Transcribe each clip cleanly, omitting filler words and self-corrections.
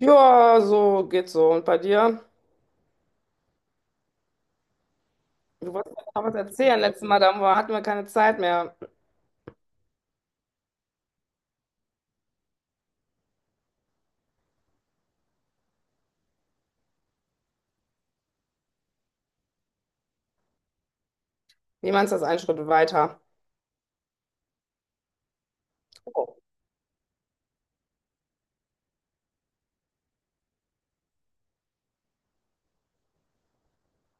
Ja, so geht so. Und bei dir? Du wolltest mir noch was erzählen. Letztes Mal, hatten wir keine Zeit mehr. Wie meinst du das einen Schritt weiter? Oh.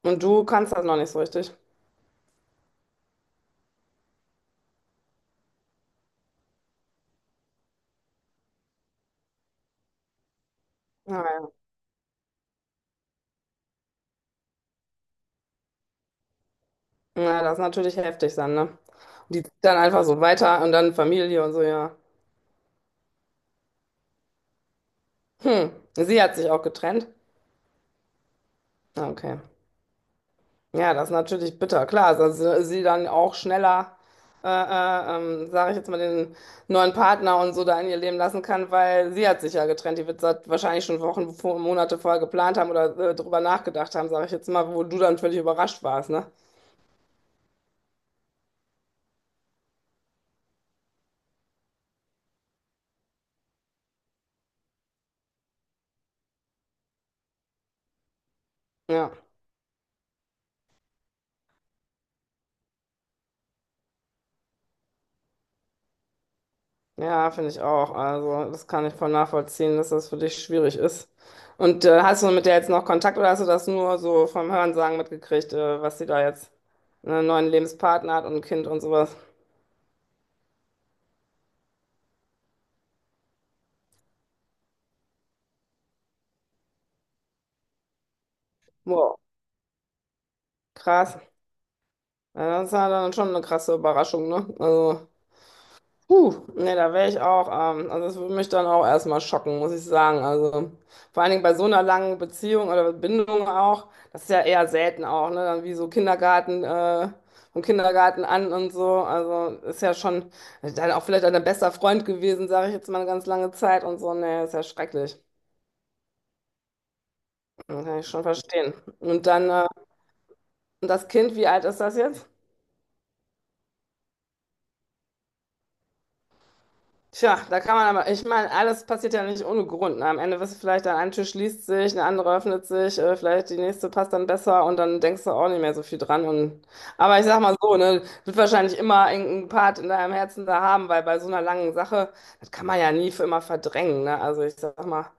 Und du kannst das noch nicht so richtig. Naja, ja, das ist natürlich heftig dann, ne? Und die zieht dann einfach so weiter und dann Familie und so, ja. Hm, Sie hat sich auch getrennt. Ah, okay. Ja, das ist natürlich bitter. Klar, dass sie dann auch schneller, sage ich jetzt mal, den neuen Partner und so da in ihr Leben lassen kann, weil sie hat sich ja getrennt. Die wird seit wahrscheinlich schon Wochen, Monate vorher geplant haben oder drüber nachgedacht haben, sage ich jetzt mal, wo du dann völlig überrascht warst, ne? Ja, ja, finde ich auch. Also, das kann ich voll nachvollziehen, dass das für dich schwierig ist. Und hast du mit der jetzt noch Kontakt oder hast du das nur so vom Hörensagen mitgekriegt, was sie da jetzt einen neuen Lebenspartner hat und ein Kind und sowas? Wow. Krass. Ja, das ist ja dann schon eine krasse Überraschung, ne? Also, huh, nee, da wäre ich auch, also das würde mich dann auch erstmal schocken, muss ich sagen. Also, vor allen Dingen bei so einer langen Beziehung oder Bindung auch, das ist ja eher selten auch, ne? Dann wie so Kindergarten, vom Kindergarten an und so. Also, ist ja schon dann auch vielleicht ein bester Freund gewesen, sage ich jetzt mal eine ganz lange Zeit und so. Nee, ist ja schrecklich. Kann ich schon verstehen. Und dann, äh, und das Kind, wie alt ist das jetzt? Tja, da kann man aber, ich meine, alles passiert ja nicht ohne Grund. Ne? Am Ende wirst du vielleicht, dann ein Tür schließt sich, eine andere öffnet sich, vielleicht die nächste passt dann besser und dann denkst du auch nicht mehr so viel dran. Und, aber ich sag mal so, ne, wird wahrscheinlich immer irgendeinen Part in deinem Herzen da haben, weil bei so einer langen Sache, das kann man ja nie für immer verdrängen. Ne? Also ich sag mal,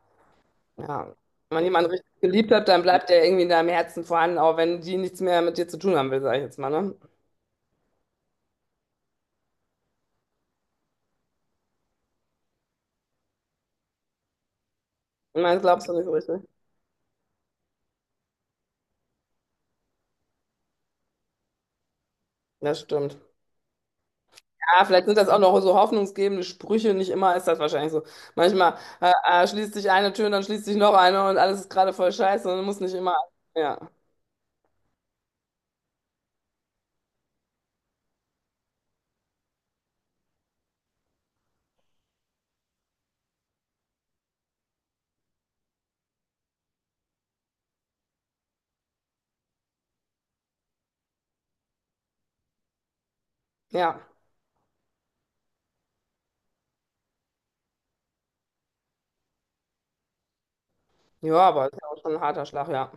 ja, wenn man jemanden richtig geliebt hat, dann bleibt der irgendwie in deinem Herzen vorhanden, auch wenn die nichts mehr mit dir zu tun haben will, sag ich jetzt mal. Ne? Ich meine, das glaubst du nicht so richtig. Das stimmt. Ja, vielleicht sind das auch noch so hoffnungsgebende Sprüche. Nicht immer ist das wahrscheinlich so. Manchmal schließt sich eine Tür und dann schließt sich noch eine und alles ist gerade voll scheiße und muss nicht immer. Ja, ja, ja, aber ist ja auch schon ein harter Schlag, ja.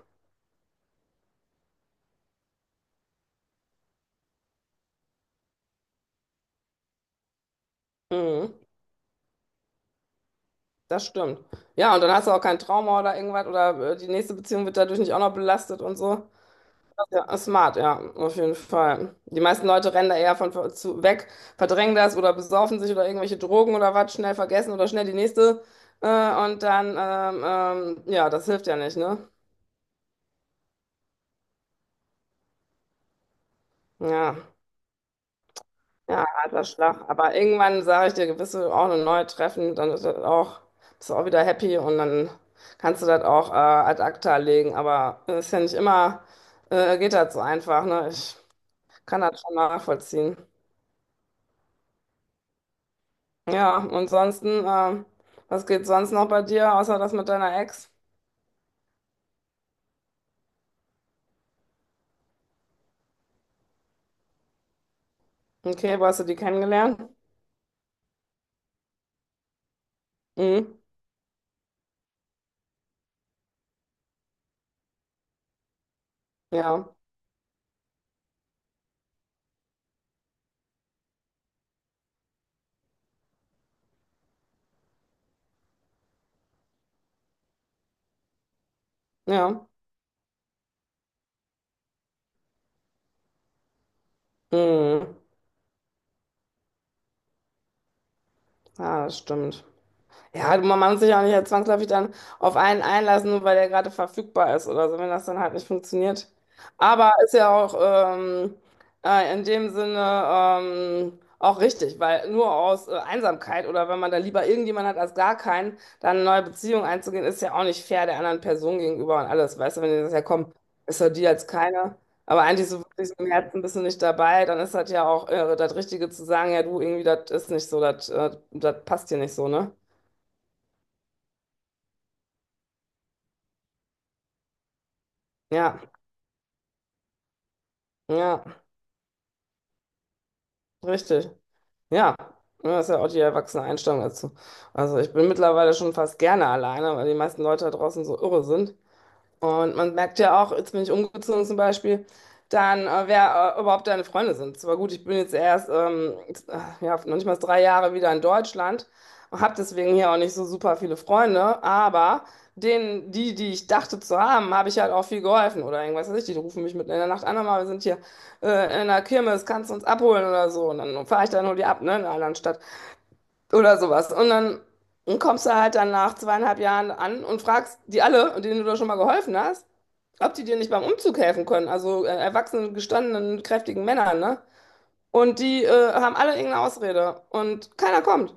Mhm, das stimmt. Ja, und dann hast du auch kein Trauma oder irgendwas oder die nächste Beziehung wird dadurch nicht auch noch belastet und so. Ja, smart, ja, auf jeden Fall. Die meisten Leute rennen da eher von zu, weg, verdrängen das oder besaufen sich oder irgendwelche Drogen oder was, schnell vergessen oder schnell die nächste. Äh, und dann, ja, das hilft ja nicht, ne? Ja, ja, alter Schlag. Aber irgendwann sage ich dir, gewisse auch eine neue treffen, dann ist das auch, bist du auch wieder happy und dann kannst du das auch ad acta legen. Aber es ist ja nicht immer, geht das so einfach, ne? Ich kann das schon nachvollziehen. Ja, und sonst, was geht sonst noch bei dir, außer das mit deiner Ex? Okay, wo hast du die kennengelernt? Mhm. Ja, ja. Mhm. Ja, das stimmt. Ja, man muss sich auch nicht zwangsläufig dann auf einen einlassen, nur weil der gerade verfügbar ist oder so, wenn das dann halt nicht funktioniert. Aber ist ja auch in dem Sinne auch richtig, weil nur aus Einsamkeit oder wenn man da lieber irgendjemanden hat als gar keinen, dann eine neue Beziehung einzugehen, ist ja auch nicht fair der anderen Person gegenüber und alles. Weißt du, wenn die das ja komm, ist doch die jetzt keine. Aber eigentlich so wirklich so im Herzen bist du nicht dabei, dann ist das ja auch das Richtige zu sagen, ja du, irgendwie, das ist nicht so, das passt hier nicht so, ne? Ja, ja, richtig. Ja, ja, das ist ja auch die erwachsene Einstellung dazu. Also ich bin mittlerweile schon fast gerne alleine, weil die meisten Leute da draußen so irre sind. Und man merkt ja auch, jetzt bin ich umgezogen zum Beispiel, dann, wer überhaupt deine Freunde sind. Zwar gut, ich bin jetzt erst, ja, noch nicht mal 3 Jahre wieder in Deutschland und habe deswegen hier auch nicht so super viele Freunde, aber denen, die ich dachte zu haben, habe ich halt auch viel geholfen oder irgendwas weiß ich. Die rufen mich mitten in der Nacht an, mal, wir sind hier in der Kirmes, kannst du uns abholen oder so. Und dann fahre ich dann nur die ab, ne, in einer anderen Stadt oder sowas. Und dann kommst du halt dann nach 2,5 Jahren an und fragst die alle, denen du da schon mal geholfen hast, ob die dir nicht beim Umzug helfen können. Also erwachsenen, gestandenen, kräftigen Männern, ne? Und die haben alle irgendeine Ausrede und keiner kommt.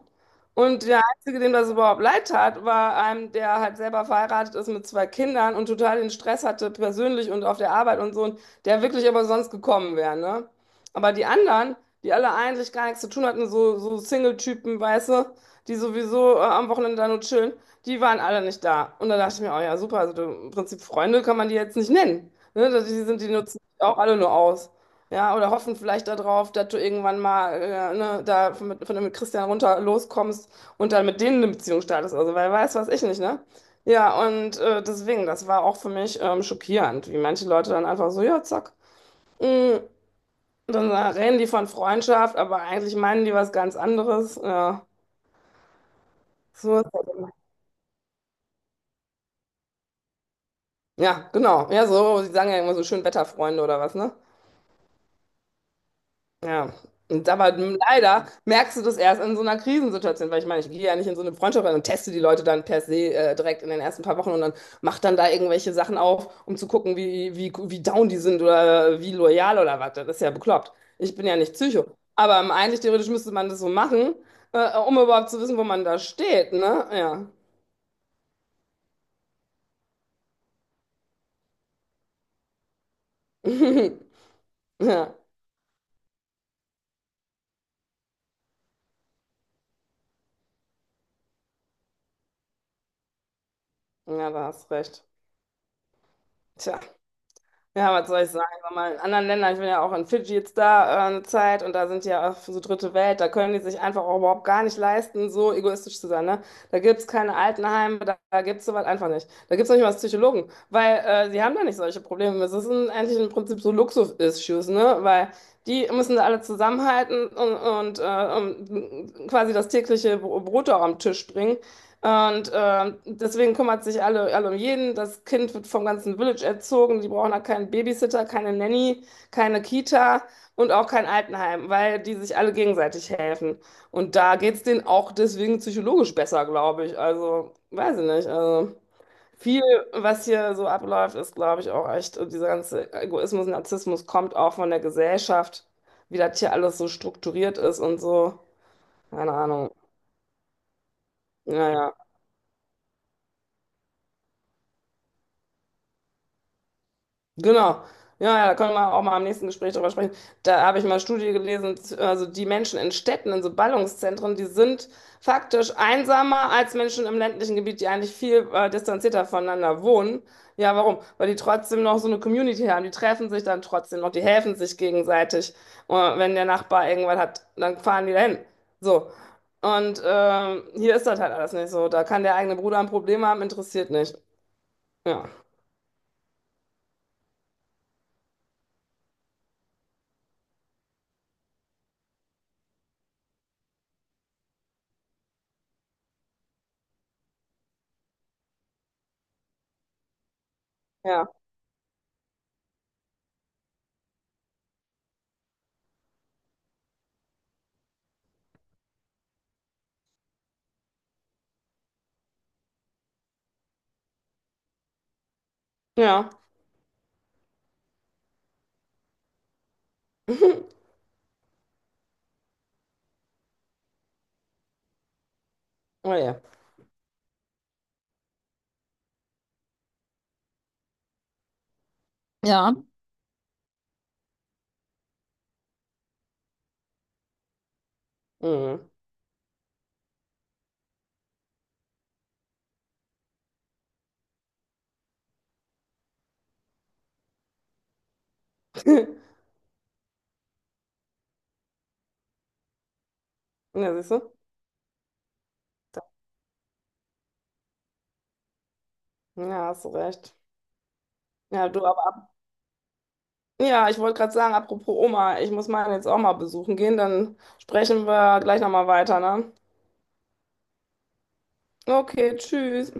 Und der Einzige, dem das überhaupt leid tat, war einem, der halt selber verheiratet ist mit zwei Kindern und total den Stress hatte, persönlich und auf der Arbeit und so, und der wirklich aber sonst gekommen wäre, ne? Aber die anderen, die alle eigentlich gar nichts zu tun hatten, so, so Single-Typen, weißt du, die sowieso am Wochenende da nur chillen, die waren alle nicht da. Und da dachte ich mir, oh ja, super, also du, im Prinzip Freunde kann man die jetzt nicht nennen. Ne? Die sind, die nutzen auch alle nur aus. Ja, oder hoffen vielleicht darauf, dass du irgendwann mal ne, da von mit Christian runter loskommst und dann mit denen eine Beziehung startest. Also, weil weiß, was ich nicht, ne? Ja, und deswegen, das war auch für mich schockierend, wie manche Leute dann einfach so, ja, zack. Mm, Dann reden die von Freundschaft, aber eigentlich meinen die was ganz anderes. Ja, so ist das immer. Ja, genau. Ja, so, die sagen ja immer so schön Wetterfreunde oder was, ne? Ja. Und aber leider merkst du das erst in so einer Krisensituation, weil ich meine, ich gehe ja nicht in so eine Freundschaft rein und teste die Leute dann per se direkt in den ersten paar Wochen und dann mach dann da irgendwelche Sachen auf, um zu gucken, wie down die sind oder wie loyal oder was. Das ist ja bekloppt. Ich bin ja nicht Psycho. Aber eigentlich theoretisch müsste man das so machen, um überhaupt zu wissen, wo man da steht, ne? Ja. Ja, ja, da hast recht. Tja. Ja, was soll ich sagen? Sag mal, in anderen Ländern, ich bin ja auch in Fidschi jetzt da eine Zeit und da sind die ja auch so dritte Welt, da können die sich einfach auch überhaupt gar nicht leisten, so egoistisch zu sein. Ne? Da gibt es keine Altenheime, da gibt es sowas einfach nicht. Da gibt es nicht mal Psychologen, weil die haben da nicht solche Probleme. Das ist eigentlich im Prinzip so Luxus-Issues, ne? Weil die müssen da alle zusammenhalten um, quasi das tägliche Brot auch am Tisch bringen. Und deswegen kümmert sich alle um jeden. Das Kind wird vom ganzen Village erzogen. Die brauchen da keinen Babysitter, keine Nanny, keine Kita und auch kein Altenheim, weil die sich alle gegenseitig helfen. Und da geht's denen auch deswegen psychologisch besser, glaube ich. Also, weiß ich nicht. Also, viel, was hier so abläuft, ist, glaube ich, auch echt, dieser ganze Egoismus, Narzissmus kommt auch von der Gesellschaft, wie das hier alles so strukturiert ist und so. Keine Ahnung. Naja. Genau. Ja, ja, da können wir auch mal am nächsten Gespräch drüber sprechen. Da habe ich mal eine Studie gelesen, also die Menschen in Städten, in so Ballungszentren, die sind faktisch einsamer als Menschen im ländlichen Gebiet, die eigentlich viel distanzierter voneinander wohnen. Ja, warum? Weil die trotzdem noch so eine Community haben. Die treffen sich dann trotzdem noch, die helfen sich gegenseitig. Und wenn der Nachbar irgendwas hat, dann fahren die dahin. So. Und hier ist das halt alles nicht so. Da kann der eigene Bruder ein Problem haben, interessiert nicht. Ja, ja, ja. Oh je. Ja. Mhm. Ja, siehst du? Ja, hast du recht. Ja, du aber. Ja, ich wollte gerade sagen, apropos Oma, ich muss meine jetzt auch mal besuchen gehen, dann sprechen wir gleich nochmal weiter, ne? Okay, tschüss.